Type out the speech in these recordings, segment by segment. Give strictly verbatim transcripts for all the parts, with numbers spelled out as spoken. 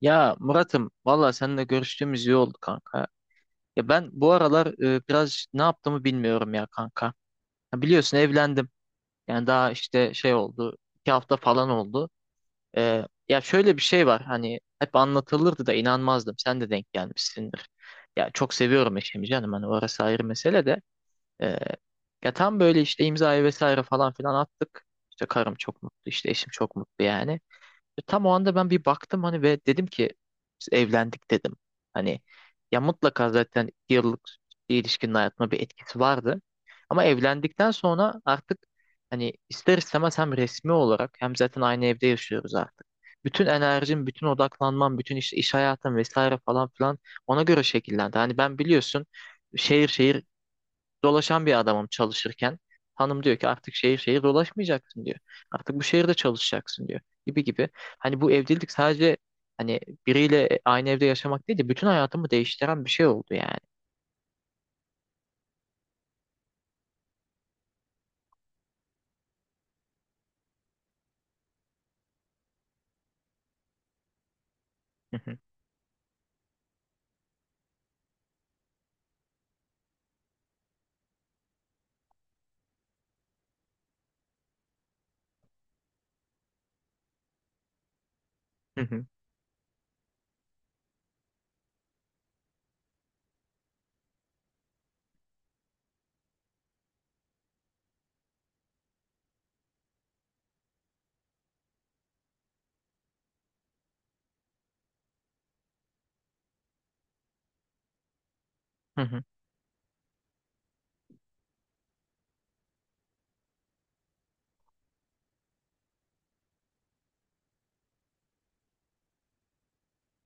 Ya Murat'ım valla seninle görüştüğümüz iyi oldu kanka. Ya ben bu aralar e, biraz ne yaptığımı bilmiyorum ya kanka. Ya biliyorsun evlendim. Yani daha işte şey oldu. iki hafta falan oldu. E, ya şöyle bir şey var hani hep anlatılırdı da inanmazdım. Sen de denk gelmişsindir. Ya çok seviyorum eşimi canım hani orası ayrı mesele de. E, ya tam böyle işte imzayı vesaire falan filan attık. İşte karım çok mutlu işte eşim çok mutlu yani. E, Tam o anda ben bir baktım hani ve dedim ki biz evlendik dedim. Hani ya mutlaka zaten iki yıllık ilişkinin hayatıma bir etkisi vardı. Ama evlendikten sonra artık hani ister istemez hem resmi olarak hem zaten aynı evde yaşıyoruz artık. Bütün enerjim, bütün odaklanmam, bütün iş, iş hayatım vesaire falan filan ona göre şekillendi. Hani ben biliyorsun şehir şehir dolaşan bir adamım çalışırken. Hanım diyor ki artık şehir şehir dolaşmayacaksın diyor. Artık bu şehirde çalışacaksın diyor gibi gibi. Hani bu evlilik sadece hani biriyle aynı evde yaşamak değil de bütün hayatımı değiştiren bir şey oldu yani. Hı hı, hı hı, hı hı,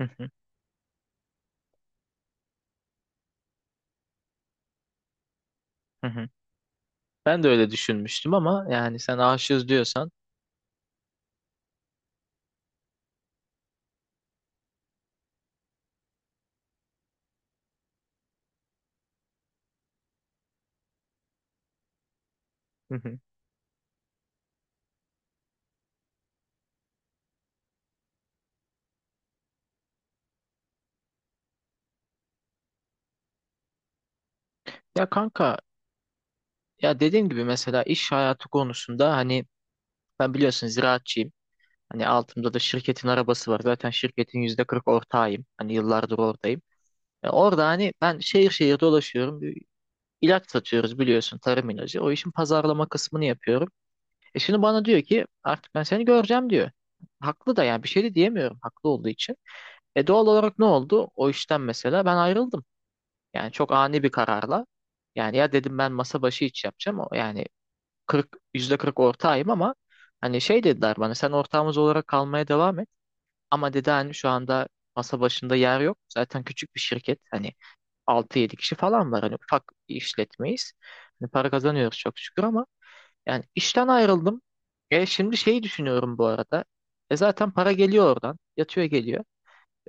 hı hı, hı hı. Ben de öyle düşünmüştüm ama yani sen aşığız diyorsan. Hı hı. Ya kanka, ya dediğim gibi mesela iş hayatı konusunda hani ben biliyorsun ziraatçıyım. Hani altımda da şirketin arabası var. Zaten şirketin yüzde kırk ortağıyım. Hani yıllardır oradayım. Ya orada hani ben şehir şehir dolaşıyorum. Bir ilaç satıyoruz biliyorsun, tarım ilacı. O işin pazarlama kısmını yapıyorum. E şimdi bana diyor ki artık ben seni göreceğim diyor. Haklı da yani bir şey de diyemiyorum haklı olduğu için. E doğal olarak ne oldu? O işten mesela ben ayrıldım. Yani çok ani bir kararla. Yani ya dedim ben masa başı iş yapacağım. O yani kırk, yüzde kırk ortağıyım ama hani şey dediler bana sen ortağımız olarak kalmaya devam et. Ama dedi hani şu anda masa başında yer yok. Zaten küçük bir şirket. Hani altı yedi kişi falan var. Hani ufak bir işletmeyiz. Hani para kazanıyoruz çok şükür ama yani işten ayrıldım. E şimdi şeyi düşünüyorum bu arada. E zaten para geliyor oradan. Yatıyor geliyor.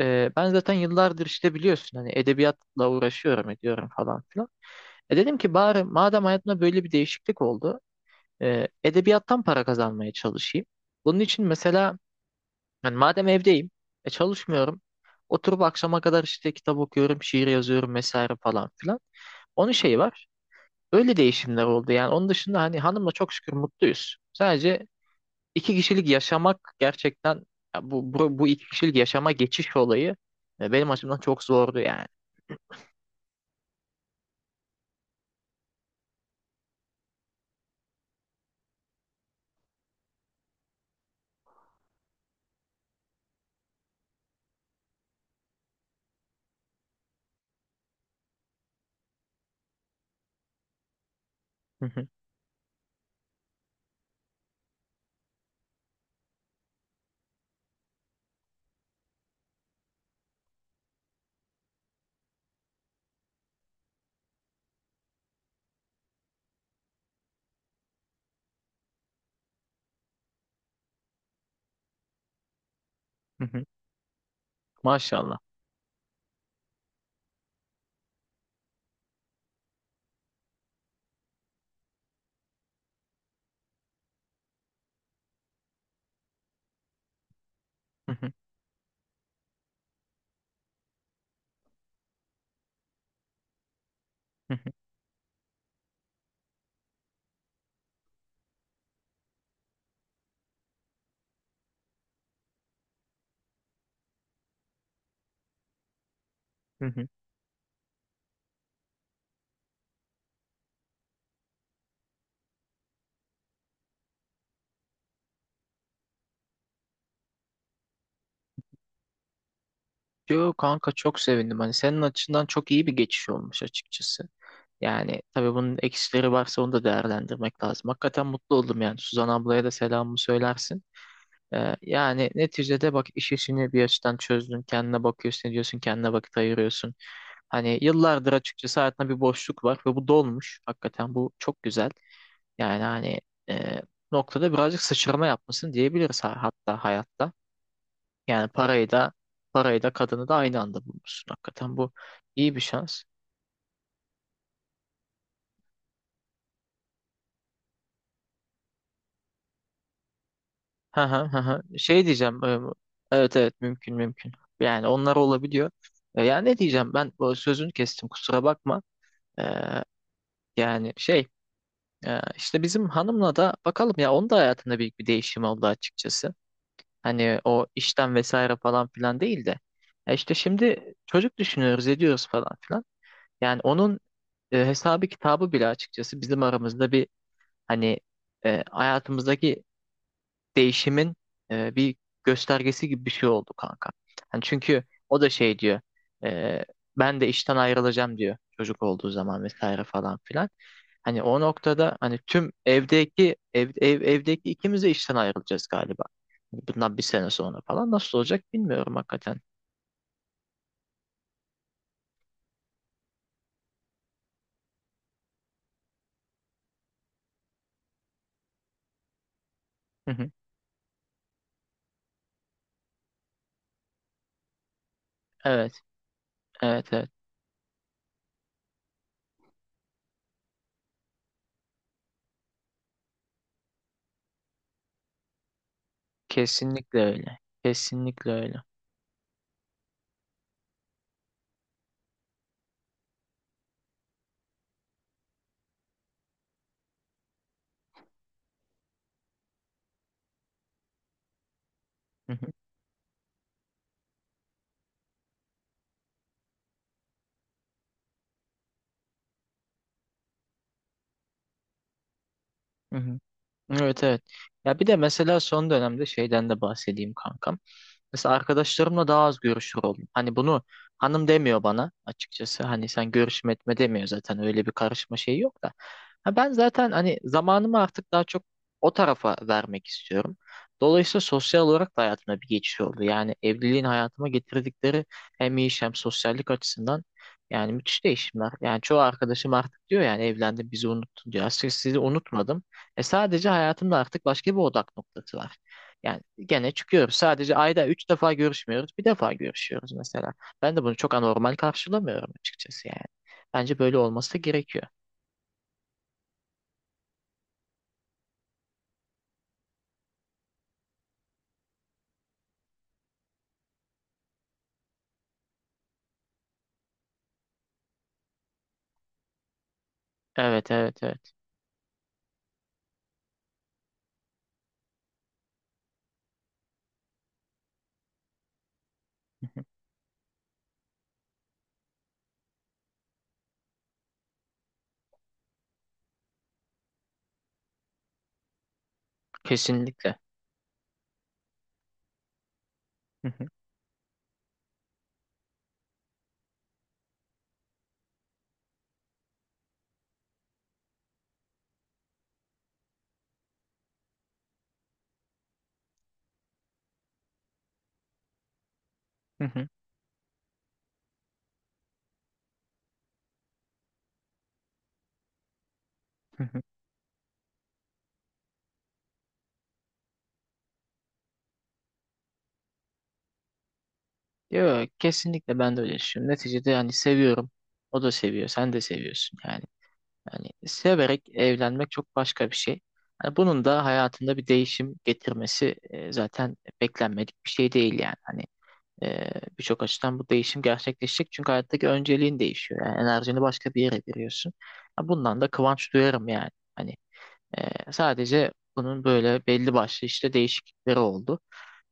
E, ben zaten yıllardır işte biliyorsun hani edebiyatla uğraşıyorum ediyorum falan filan. E dedim ki bari madem hayatımda böyle bir değişiklik oldu, e, edebiyattan para kazanmaya çalışayım. Bunun için mesela yani madem evdeyim, e çalışmıyorum. Oturup akşama kadar işte kitap okuyorum, şiir yazıyorum vesaire falan filan. Onun şeyi var. Öyle değişimler oldu yani. Onun dışında hani hanımla çok şükür mutluyuz. Sadece iki kişilik yaşamak gerçekten, ya bu, bu, bu iki kişilik yaşama geçiş olayı e, benim açımdan çok zordu yani. Hı hı, hı hı. Maşallah. Hı hı, hı hı, hı hı. Yo kanka, çok sevindim. Hani senin açından çok iyi bir geçiş olmuş açıkçası. Yani tabii bunun eksileri varsa onu da değerlendirmek lazım. Hakikaten mutlu oldum yani. Suzan ablaya da selamımı söylersin. Ee, yani neticede bak iş işini bir açıdan çözdün. Kendine bakıyorsun, ediyorsun, kendine vakit ayırıyorsun. Hani yıllardır açıkçası hayatında bir boşluk var ve bu dolmuş. Hakikaten bu çok güzel. Yani hani e, noktada birazcık sıçrama yapmışsın diyebiliriz, ha- hatta hayatta. Yani parayı da parayı da kadını da aynı anda bulmuşsun. Hakikaten bu iyi bir şans. Ha ha ha, ha. Şey diyeceğim. e, Evet evet mümkün mümkün. Yani onlar olabiliyor. E, Yani ne diyeceğim, ben bu sözünü kestim, kusura bakma. E, yani şey, e, işte bizim hanımla da bakalım, ya onun da hayatında büyük bir değişim oldu açıkçası. Hani o işten vesaire falan filan değil de. E işte şimdi çocuk düşünüyoruz ediyoruz falan filan. Yani onun e, hesabı kitabı bile açıkçası bizim aramızda bir, hani e, hayatımızdaki değişimin e, bir göstergesi gibi bir şey oldu kanka. Hani çünkü o da şey diyor. e, ben de işten ayrılacağım diyor çocuk olduğu zaman vesaire falan filan. Hani o noktada hani tüm evdeki ev, ev evdeki ikimiz de işten ayrılacağız galiba. Hani bundan bir sene sonra falan nasıl olacak bilmiyorum hakikaten. Hı hı. Evet, evet, evet. Kesinlikle öyle. Kesinlikle öyle. Hı hı. Hı hı. Evet evet. Ya bir de mesela son dönemde şeyden de bahsedeyim kankam. Mesela arkadaşlarımla daha az görüşür oldum. Hani bunu hanım demiyor bana açıkçası. Hani sen görüşme etme demiyor zaten. Öyle bir karışma şeyi yok da. Ha ben zaten hani zamanımı artık daha çok o tarafa vermek istiyorum. Dolayısıyla sosyal olarak da hayatımda bir geçiş oldu. Yani evliliğin hayatıma getirdikleri hem iş hem sosyallik açısından yani müthiş değişimler. Yani çoğu arkadaşım artık diyor, yani evlendim bizi unuttun diyor. Aslında sizi unutmadım. E sadece hayatında artık başka bir odak noktası var. Yani gene çıkıyoruz. Sadece ayda üç defa görüşmüyoruz. Bir defa görüşüyoruz mesela. Ben de bunu çok anormal karşılamıyorum açıkçası yani. Bence böyle olması gerekiyor. Evet evet evet. Kesinlikle. Hı hı, hı hı, hı hı. Yok kesinlikle, ben de öyle düşünüyorum. Neticede yani seviyorum. O da seviyor. Sen de seviyorsun yani. Yani severek evlenmek çok başka bir şey. Yani bunun da hayatında bir değişim getirmesi e, zaten beklenmedik bir şey değil yani. Hani Ee, birçok açıdan bu değişim gerçekleşecek. Çünkü hayattaki önceliğin değişiyor. Yani enerjini başka bir yere veriyorsun. Ya bundan da kıvanç duyarım yani. Hani e, sadece bunun böyle belli başlı işte değişiklikleri oldu.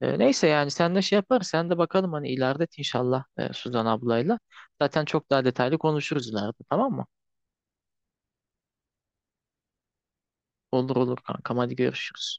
E, neyse yani sen de şey yaparız. Sen de bakalım hani ileride inşallah e, Suzan ablayla. Zaten çok daha detaylı konuşuruz ileride, tamam mı? Olur olur kankam, hadi görüşürüz.